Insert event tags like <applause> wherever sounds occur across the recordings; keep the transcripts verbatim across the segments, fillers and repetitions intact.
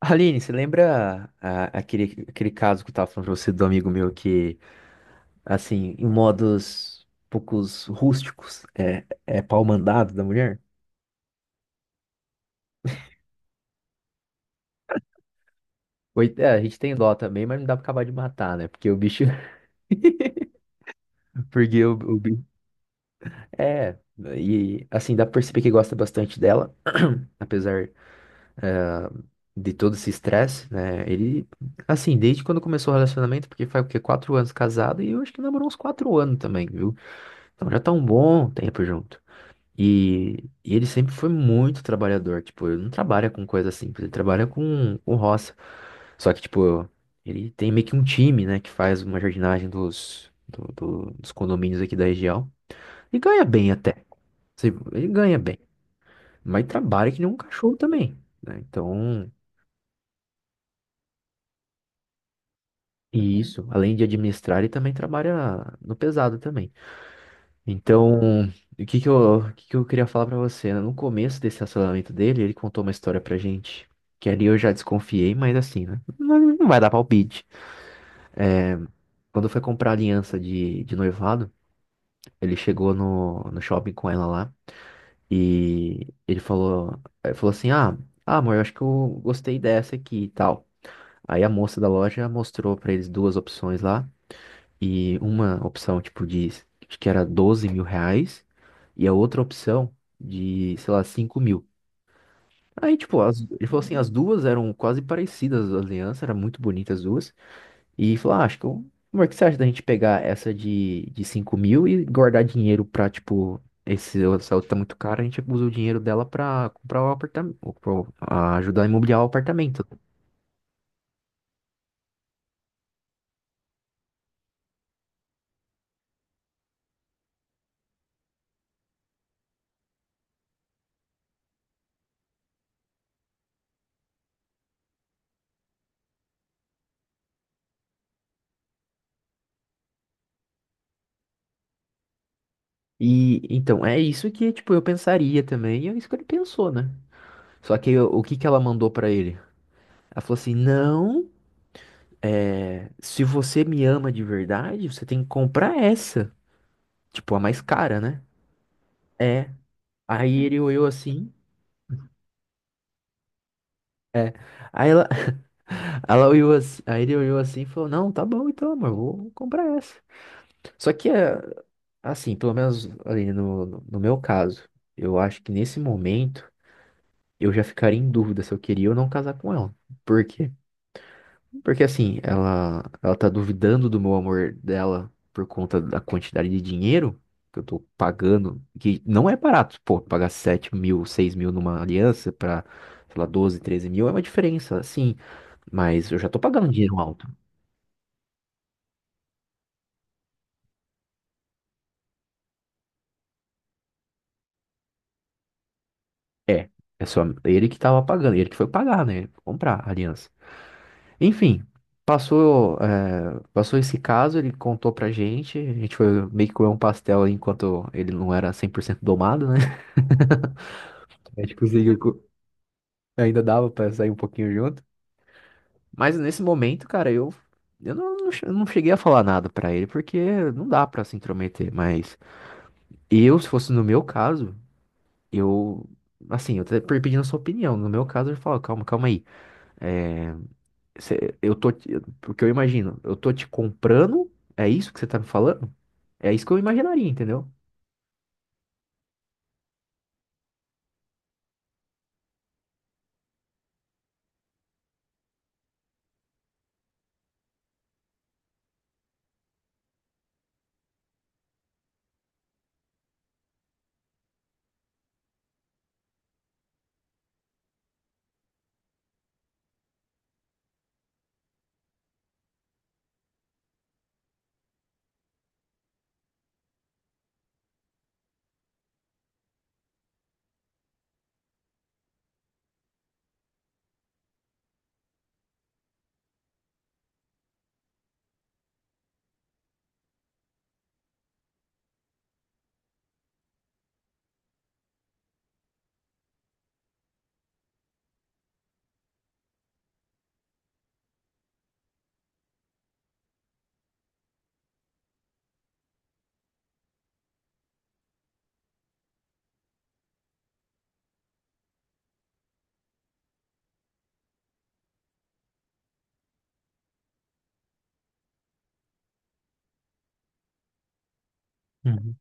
Aline, você lembra ah, aquele, aquele caso que eu tava falando pra você do amigo meu que, assim, em modos poucos rústicos, é, é pau mandado da mulher? Oi, é, a gente tem dó também, mas não dá pra acabar de matar, né? Porque o bicho. <laughs> Porque o, o bicho. É, e assim, dá pra perceber que gosta bastante dela, apesar de todo esse estresse, né? Ele, assim, desde quando começou o relacionamento, porque faz o quê? Quatro anos casado e eu acho que namorou uns quatro anos também, viu? Então já tá um bom tempo junto. E, e ele sempre foi muito trabalhador, tipo, ele não trabalha com coisa simples, ele trabalha com, com roça. Só que, tipo, ele tem meio que um time, né, que faz uma jardinagem dos, do- do- dos condomínios aqui da região. E ganha bem até. Assim, ele ganha bem, mas trabalha que nem um cachorro também, né? Então, e isso, além de administrar, ele também trabalha no pesado também. Então, o que que eu, o que que eu queria falar pra você, né? No começo desse relacionamento dele, ele contou uma história pra gente, que ali eu já desconfiei, mas assim, né? Não, não vai dar palpite. Quando foi comprar a aliança de, de noivado, ele chegou no, no shopping com ela lá e ele falou, ele falou assim, ah, ah, amor, eu acho que eu gostei dessa aqui e tal. Aí a moça da loja mostrou pra eles duas opções lá e uma opção, tipo, de, acho que era doze mil reais e a outra opção de, sei lá, cinco mil. Aí, tipo, as- ele falou assim, as duas eram quase parecidas, a aliança era muito bonita as duas. E falou, ah, acho que, eu- amor, o que você acha da gente pegar essa de, de cinco mil e guardar dinheiro pra, tipo, esse, essa outra tá muito cara, a gente usa o dinheiro dela pra comprar o apartamento, ajudar a imobiliar o apartamento. E, então, é isso que, tipo, eu pensaria também, e é isso que ele pensou, né? Só que o que que ela mandou pra ele? Ela falou assim, não... É, se você me ama de verdade, você tem que comprar essa. Tipo, a mais cara, né? É. Aí ele olhou assim. É. Aí ela, <laughs> ela olhou assim, aí ele olhou assim e falou: não, tá bom então, amor, vou vou comprar essa. Só que, é, assim, pelo menos ali no, no no meu caso, eu acho que nesse momento eu já ficaria em dúvida se eu queria ou não casar com ela. porque Porque assim, ela, ela tá duvidando do meu amor dela por conta da quantidade de dinheiro que eu tô pagando, que não é barato, pô, pagar sete mil, seis mil numa aliança pra, sei lá, doze, treze mil é uma diferença, assim mas eu já tô pagando um dinheiro alto. É, é só ele que tava pagando, ele que foi pagar, né, comprar a aliança. Enfim, passou, é, passou esse caso, ele contou pra gente, a gente foi meio que comer um pastel aí enquanto ele não era cem por cento domado, né? <laughs> A gente conseguiu. Ainda dava pra sair um pouquinho junto. Mas nesse momento, cara, eu, eu não, não che- eu não cheguei a falar nada pra ele, porque não dá pra se intrometer. Mas eu, se fosse no meu caso, eu. Assim, eu até per- pedindo a sua opinião. No meu caso, eu falo, calma, calma aí. É, cê- eu tô. te- porque eu imagino, eu tô te comprando, é isso que você tá me falando? É isso que eu imaginaria, entendeu? Uhum.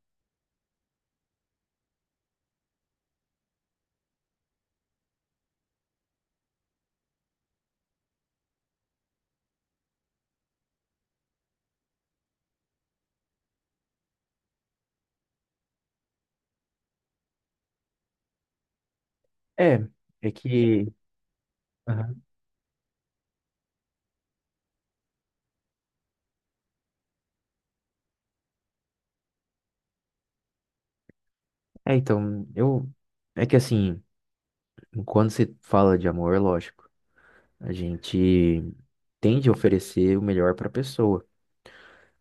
É, é que. Aham. É, então, eu. É que assim, quando se fala de amor, é lógico, a gente. Tende a oferecer o melhor para a pessoa.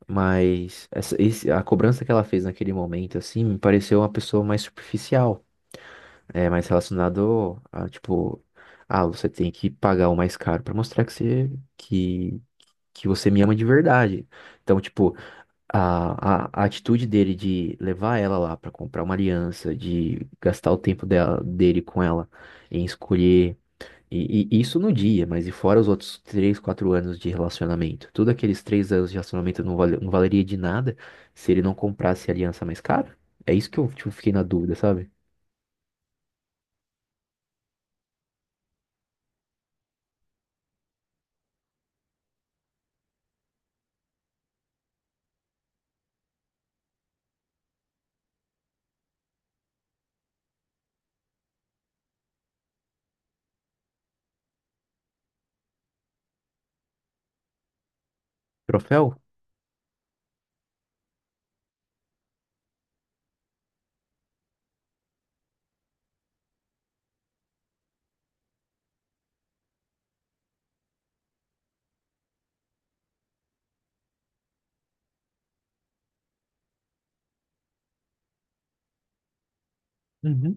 Mas essa, esse- a cobrança que ela fez naquele momento, assim, me pareceu uma pessoa mais superficial, é, mais relacionado a, tipo, ah, você tem que pagar o mais caro para mostrar que você, que, que você me ama de verdade. Então, tipo, a, a, a atitude dele de levar ela lá para comprar uma aliança, de gastar o tempo dela, dele com ela em escolher e, e isso no dia, mas e fora os outros três, quatro anos de relacionamento? Tudo aqueles três anos de relacionamento não, vale- não valeria de nada se ele não comprasse a aliança mais cara? É isso que eu tipo, fiquei na dúvida, sabe? Troféu? Uhum.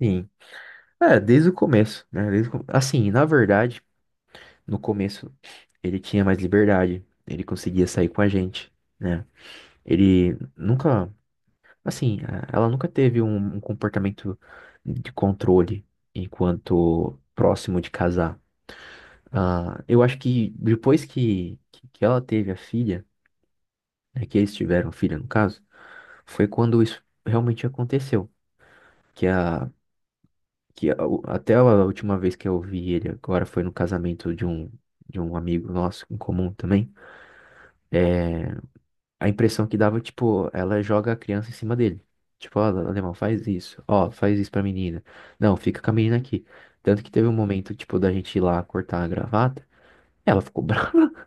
Sim. É, desde o começo, né? Desde o com- Assim, na verdade, no começo ele tinha mais liberdade, ele conseguia sair com a gente, né? Ele nunca, assim, a- ela nunca teve um, um comportamento de controle enquanto próximo de casar. Ah, eu acho que depois que, que, que ela teve a filha, né, que eles tiveram filha no caso, foi quando isso realmente aconteceu. Que a, que a- o- Até a última vez que eu vi ele agora foi no casamento de um, de um amigo nosso em comum também. É, a impressão que dava, tipo, ela joga a criança em cima dele. Tipo, ó, alemão, faz isso. Ó, faz isso pra menina. Não, fica com a menina aqui. Tanto que teve um momento, tipo, da gente ir lá cortar a gravata. Ela ficou <laughs> brava.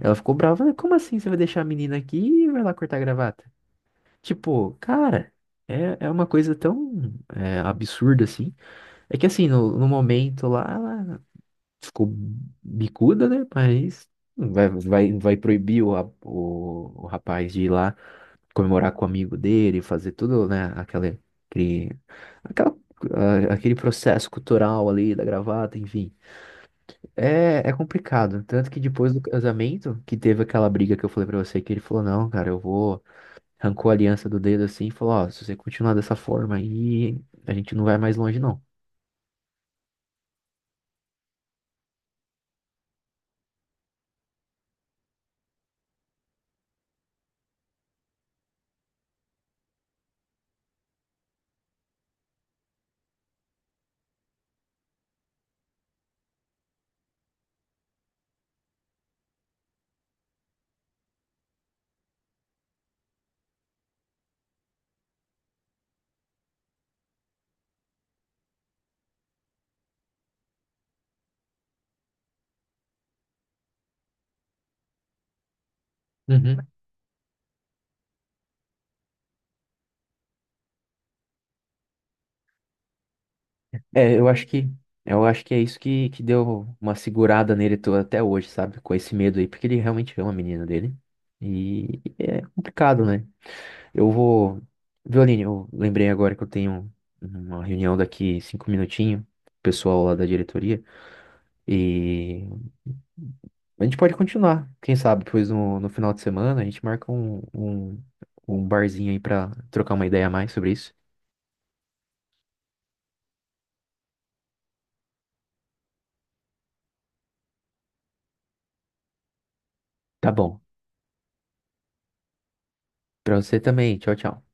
Ela ficou brava, falei, como assim você vai deixar a menina aqui e vai lá cortar a gravata? Tipo, cara, é, é uma coisa tão é, absurda assim. É que assim, no, no momento lá, ela ficou bicuda, né? Mas não vai, vai, vai proibir o, ra- o, o rapaz de ir lá comemorar com o amigo dele, fazer tudo, né? Aquela, aquele, aquela, ah, aquele processo cultural ali da gravata, enfim. É, é complicado. Tanto que depois do casamento, que teve aquela briga que eu falei pra você, que ele falou, não, cara, eu vou. Arrancou a aliança do dedo assim e falou, ó, se você continuar dessa forma aí, a gente não vai mais longe, não. Uhum. É, eu acho que. Eu acho que é isso que, que deu uma segurada nele to- até hoje, sabe? Com esse medo aí, porque ele realmente ama a menina dele. E é complicado, né? Eu vou. Violine, eu lembrei agora que eu tenho uma reunião daqui cinco minutinhos, pessoal lá da diretoria. E a gente pode continuar. Quem sabe depois no, no final de semana a gente marca um, um, um barzinho aí pra trocar uma ideia a mais sobre isso. Tá bom. Pra você também. Tchau, tchau.